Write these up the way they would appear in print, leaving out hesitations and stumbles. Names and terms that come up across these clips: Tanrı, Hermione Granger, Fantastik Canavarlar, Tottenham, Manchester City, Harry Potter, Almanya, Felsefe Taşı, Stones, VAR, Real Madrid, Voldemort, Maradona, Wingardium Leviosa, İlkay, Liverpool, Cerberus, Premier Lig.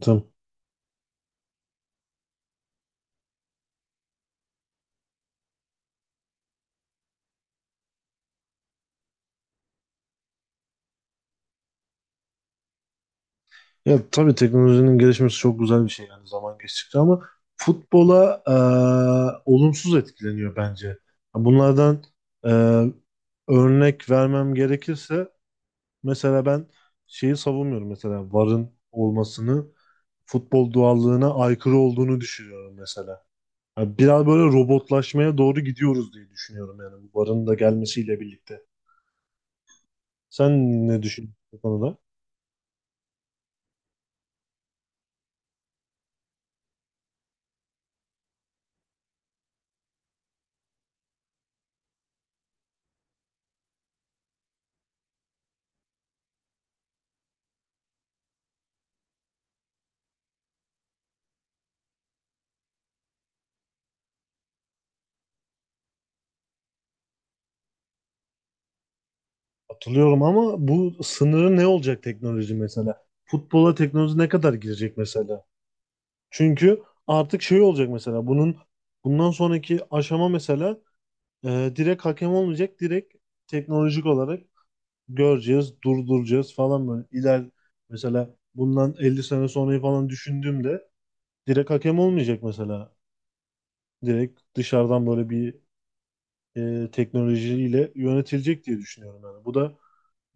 Tamam. Ya tabii teknolojinin gelişmesi çok güzel bir şey yani zaman geçtikçe ama futbola olumsuz etkileniyor bence. Bunlardan e, örnek vermem gerekirse mesela ben şeyi savunmuyorum mesela VAR'ın olmasını futbol doğallığına aykırı olduğunu düşünüyorum mesela. Yani biraz böyle robotlaşmaya doğru gidiyoruz diye düşünüyorum yani bu VAR'ın da gelmesiyle birlikte. Sen ne düşünüyorsun bu konuda? Hatırlıyorum ama bu sınırı ne olacak teknoloji mesela? Futbola teknoloji ne kadar girecek mesela? Çünkü artık şey olacak mesela bunun bundan sonraki aşama mesela direkt hakem olmayacak. Direkt teknolojik olarak göreceğiz, durduracağız falan böyle. Mesela bundan 50 sene sonrayı falan düşündüğümde direkt hakem olmayacak mesela. Direkt dışarıdan böyle bir teknolojiyle yönetilecek diye düşünüyorum yani. Bu da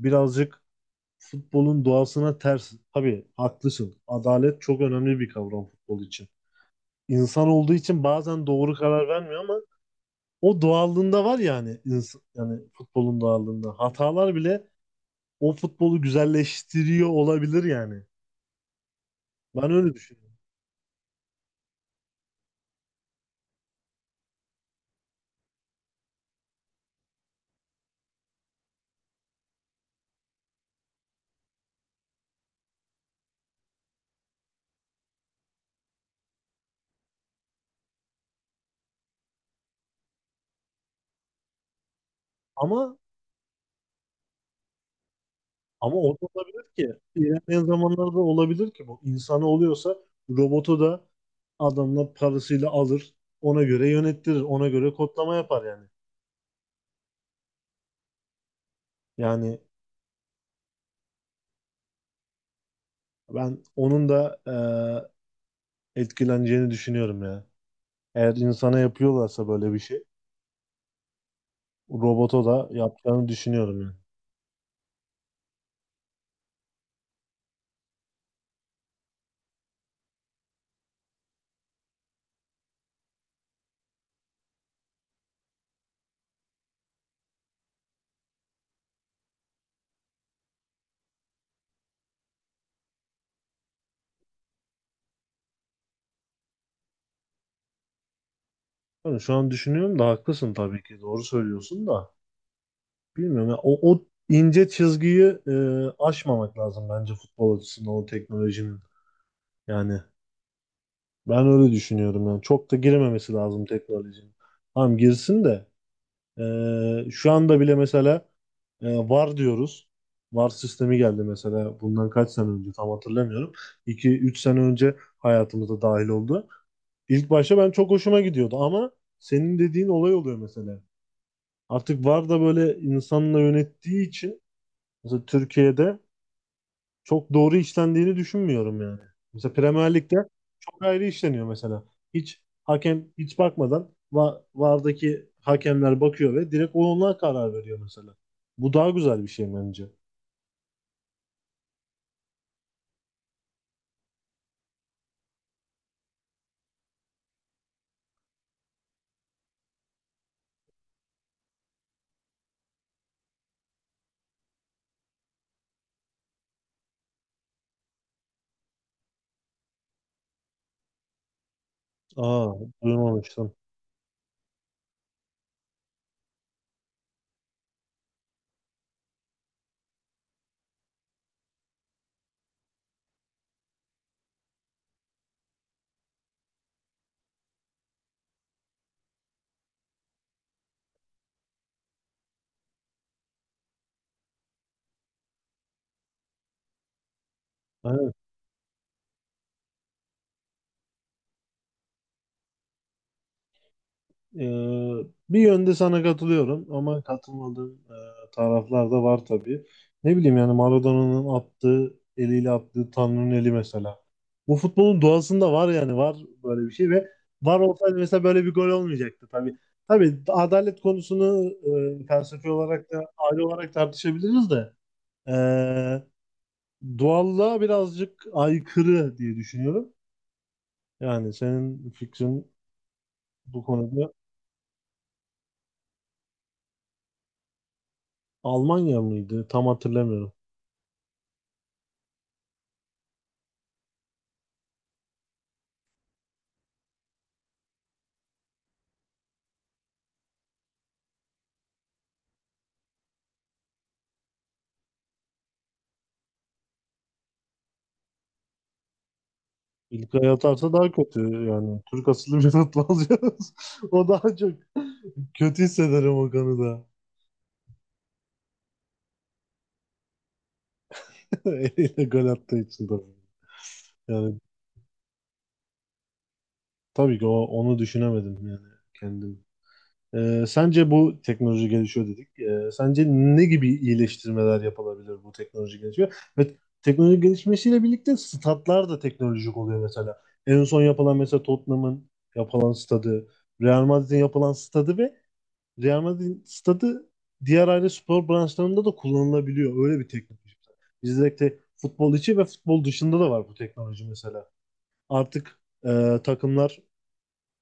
birazcık futbolun doğasına ters. Tabii haklısın. Adalet çok önemli bir kavram futbol için. İnsan olduğu için bazen doğru karar vermiyor ama o doğallığında var yani yani futbolun doğallığında. Hatalar bile o futbolu güzelleştiriyor olabilir yani. Ben öyle düşünüyorum. Ama ama o da olabilir ki. İlerleyen zamanlarda olabilir ki bu. İnsanı oluyorsa robotu da adamla parasıyla alır. Ona göre yönettirir. Ona göre kodlama yapar yani. Yani ben onun da etkileneceğini düşünüyorum ya. Eğer insana yapıyorlarsa böyle bir şey, robota da yapacağını düşünüyorum yani. Tabii şu an düşünüyorum da haklısın tabii ki. Doğru söylüyorsun da. Bilmiyorum ya. O ince çizgiyi aşmamak lazım bence futbol açısından o teknolojinin. Yani ben öyle düşünüyorum yani. Çok da girememesi lazım teknolojinin. Tamam girsin de. Şu anda bile mesela VAR diyoruz. VAR sistemi geldi mesela bundan kaç sene önce tam hatırlamıyorum. 2-3 sene önce hayatımıza dahil oldu. İlk başta ben çok hoşuma gidiyordu ama senin dediğin olay oluyor mesela. Artık VAR da böyle insanla yönettiği için mesela Türkiye'de çok doğru işlendiğini düşünmüyorum yani. Mesela Premier Lig'de çok ayrı işleniyor mesela. Hiç hakem hiç bakmadan VAR'daki hakemler bakıyor ve direkt onlar karar veriyor mesela. Bu daha güzel bir şey bence. Aa, duymamıştım. Ee, Bir yönde sana katılıyorum ama katılmadığım taraflar da var tabii. Ne bileyim yani Maradona'nın attığı eliyle attığı Tanrı'nın eli mesela. Bu futbolun doğasında var yani var böyle bir şey ve var olsaydı mesela böyle bir gol olmayacaktı tabii. Tabii adalet konusunu felsefi olarak da aile olarak tartışabiliriz de e, doğallığa birazcık aykırı diye düşünüyorum. Yani senin fikrin bu konuda Almanya mıydı? Tam hatırlamıyorum. İlkay atarsa daha kötü yani. Türk asıllı bir atla alacağız. O daha çok kötü hissederim o konuda. Eliyle gol attığı için tabii. Yani tabii ki onu düşünemedim yani kendim. Sence bu teknoloji gelişiyor dedik. Sence ne gibi iyileştirmeler yapılabilir bu teknoloji gelişiyor? Ve teknoloji gelişmesiyle birlikte statlar da teknolojik oluyor mesela. En son yapılan mesela Tottenham'ın yapılan stadı, Real Madrid'in yapılan stadı ve Real Madrid'in stadı diğer aile spor branşlarında da kullanılabiliyor. Öyle bir teknoloji. Bizde de futbol içi ve futbol dışında da var bu teknoloji mesela. Artık takımlar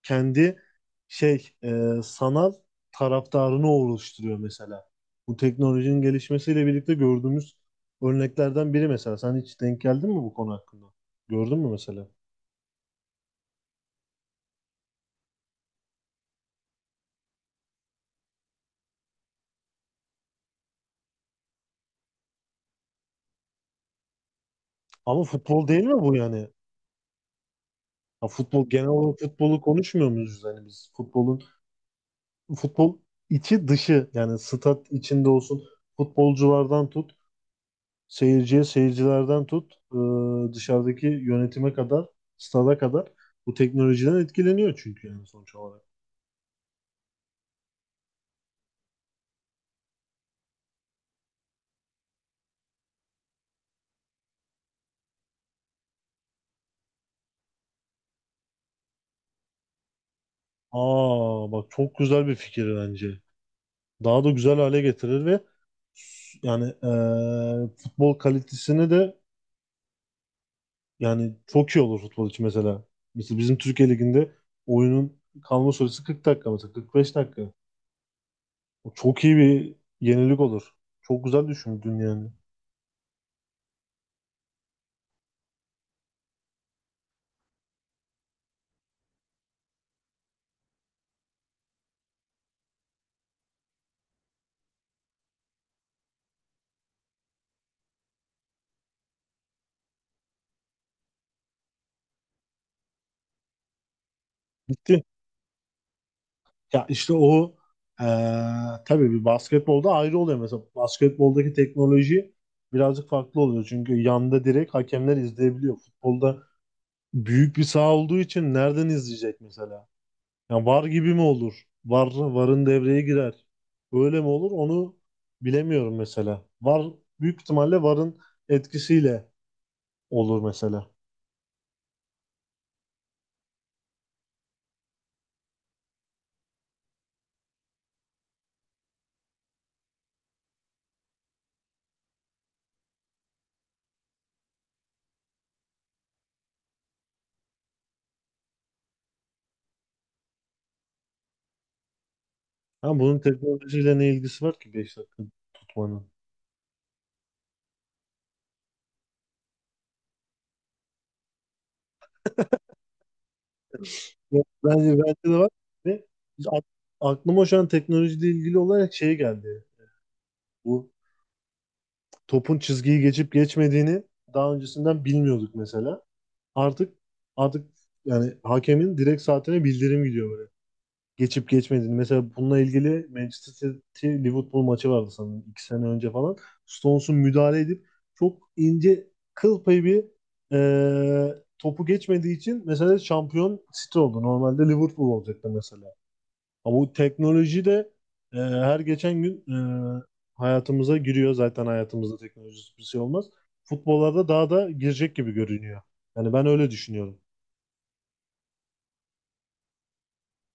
kendi şey sanal taraftarını oluşturuyor mesela. Bu teknolojinin gelişmesiyle birlikte gördüğümüz örneklerden biri mesela. Sen hiç denk geldin mi bu konu hakkında? Gördün mü mesela? Ama futbol değil mi bu yani? Ha, futbol genel olarak futbolu konuşmuyor muyuz yani biz? Futbolun futbol içi dışı yani stat içinde olsun futbolculardan tut seyirciye seyircilerden tut dışarıdaki yönetime kadar stada kadar bu teknolojiden etkileniyor çünkü yani sonuç olarak. Aa bak çok güzel bir fikir bence. Daha da güzel hale getirir ve yani futbol kalitesini de yani çok iyi olur futbol için mesela. Mesela bizim Türkiye Ligi'nde oyunun kalma süresi 40 dakika mesela 45 dakika. Çok iyi bir yenilik olur. Çok güzel düşündün yani. Bitti. Ya işte o eee tabii bir basketbolda ayrı oluyor mesela. Basketboldaki teknoloji birazcık farklı oluyor. Çünkü yanda direkt hakemler izleyebiliyor. Futbolda büyük bir saha olduğu için nereden izleyecek mesela? Yani var gibi mi olur? Var, varın devreye girer. Öyle mi olur? Onu bilemiyorum mesela. Var büyük ihtimalle varın etkisiyle olur mesela. Ha, bunun teknolojiyle ne ilgisi var ki 5 dakika tutmanın? Yok, bence de var. Ve a- aklıma şu an teknolojiyle ilgili olarak şey geldi. Bu topun çizgiyi geçip geçmediğini daha öncesinden bilmiyorduk mesela. Artık artık yani hakemin direkt saatine bildirim gidiyor böyle. Geçip geçmediğini. Mesela bununla ilgili Manchester City Liverpool maçı vardı sanırım 2 sene önce falan. Stones'un müdahale edip çok ince kıl payı bir topu geçmediği için mesela şampiyon City oldu. Normalde Liverpool olacaktı mesela. Ama bu teknoloji de her geçen gün hayatımıza giriyor. Zaten hayatımızda teknolojisi bir şey olmaz. Futbollarda daha da girecek gibi görünüyor. Yani ben öyle düşünüyorum.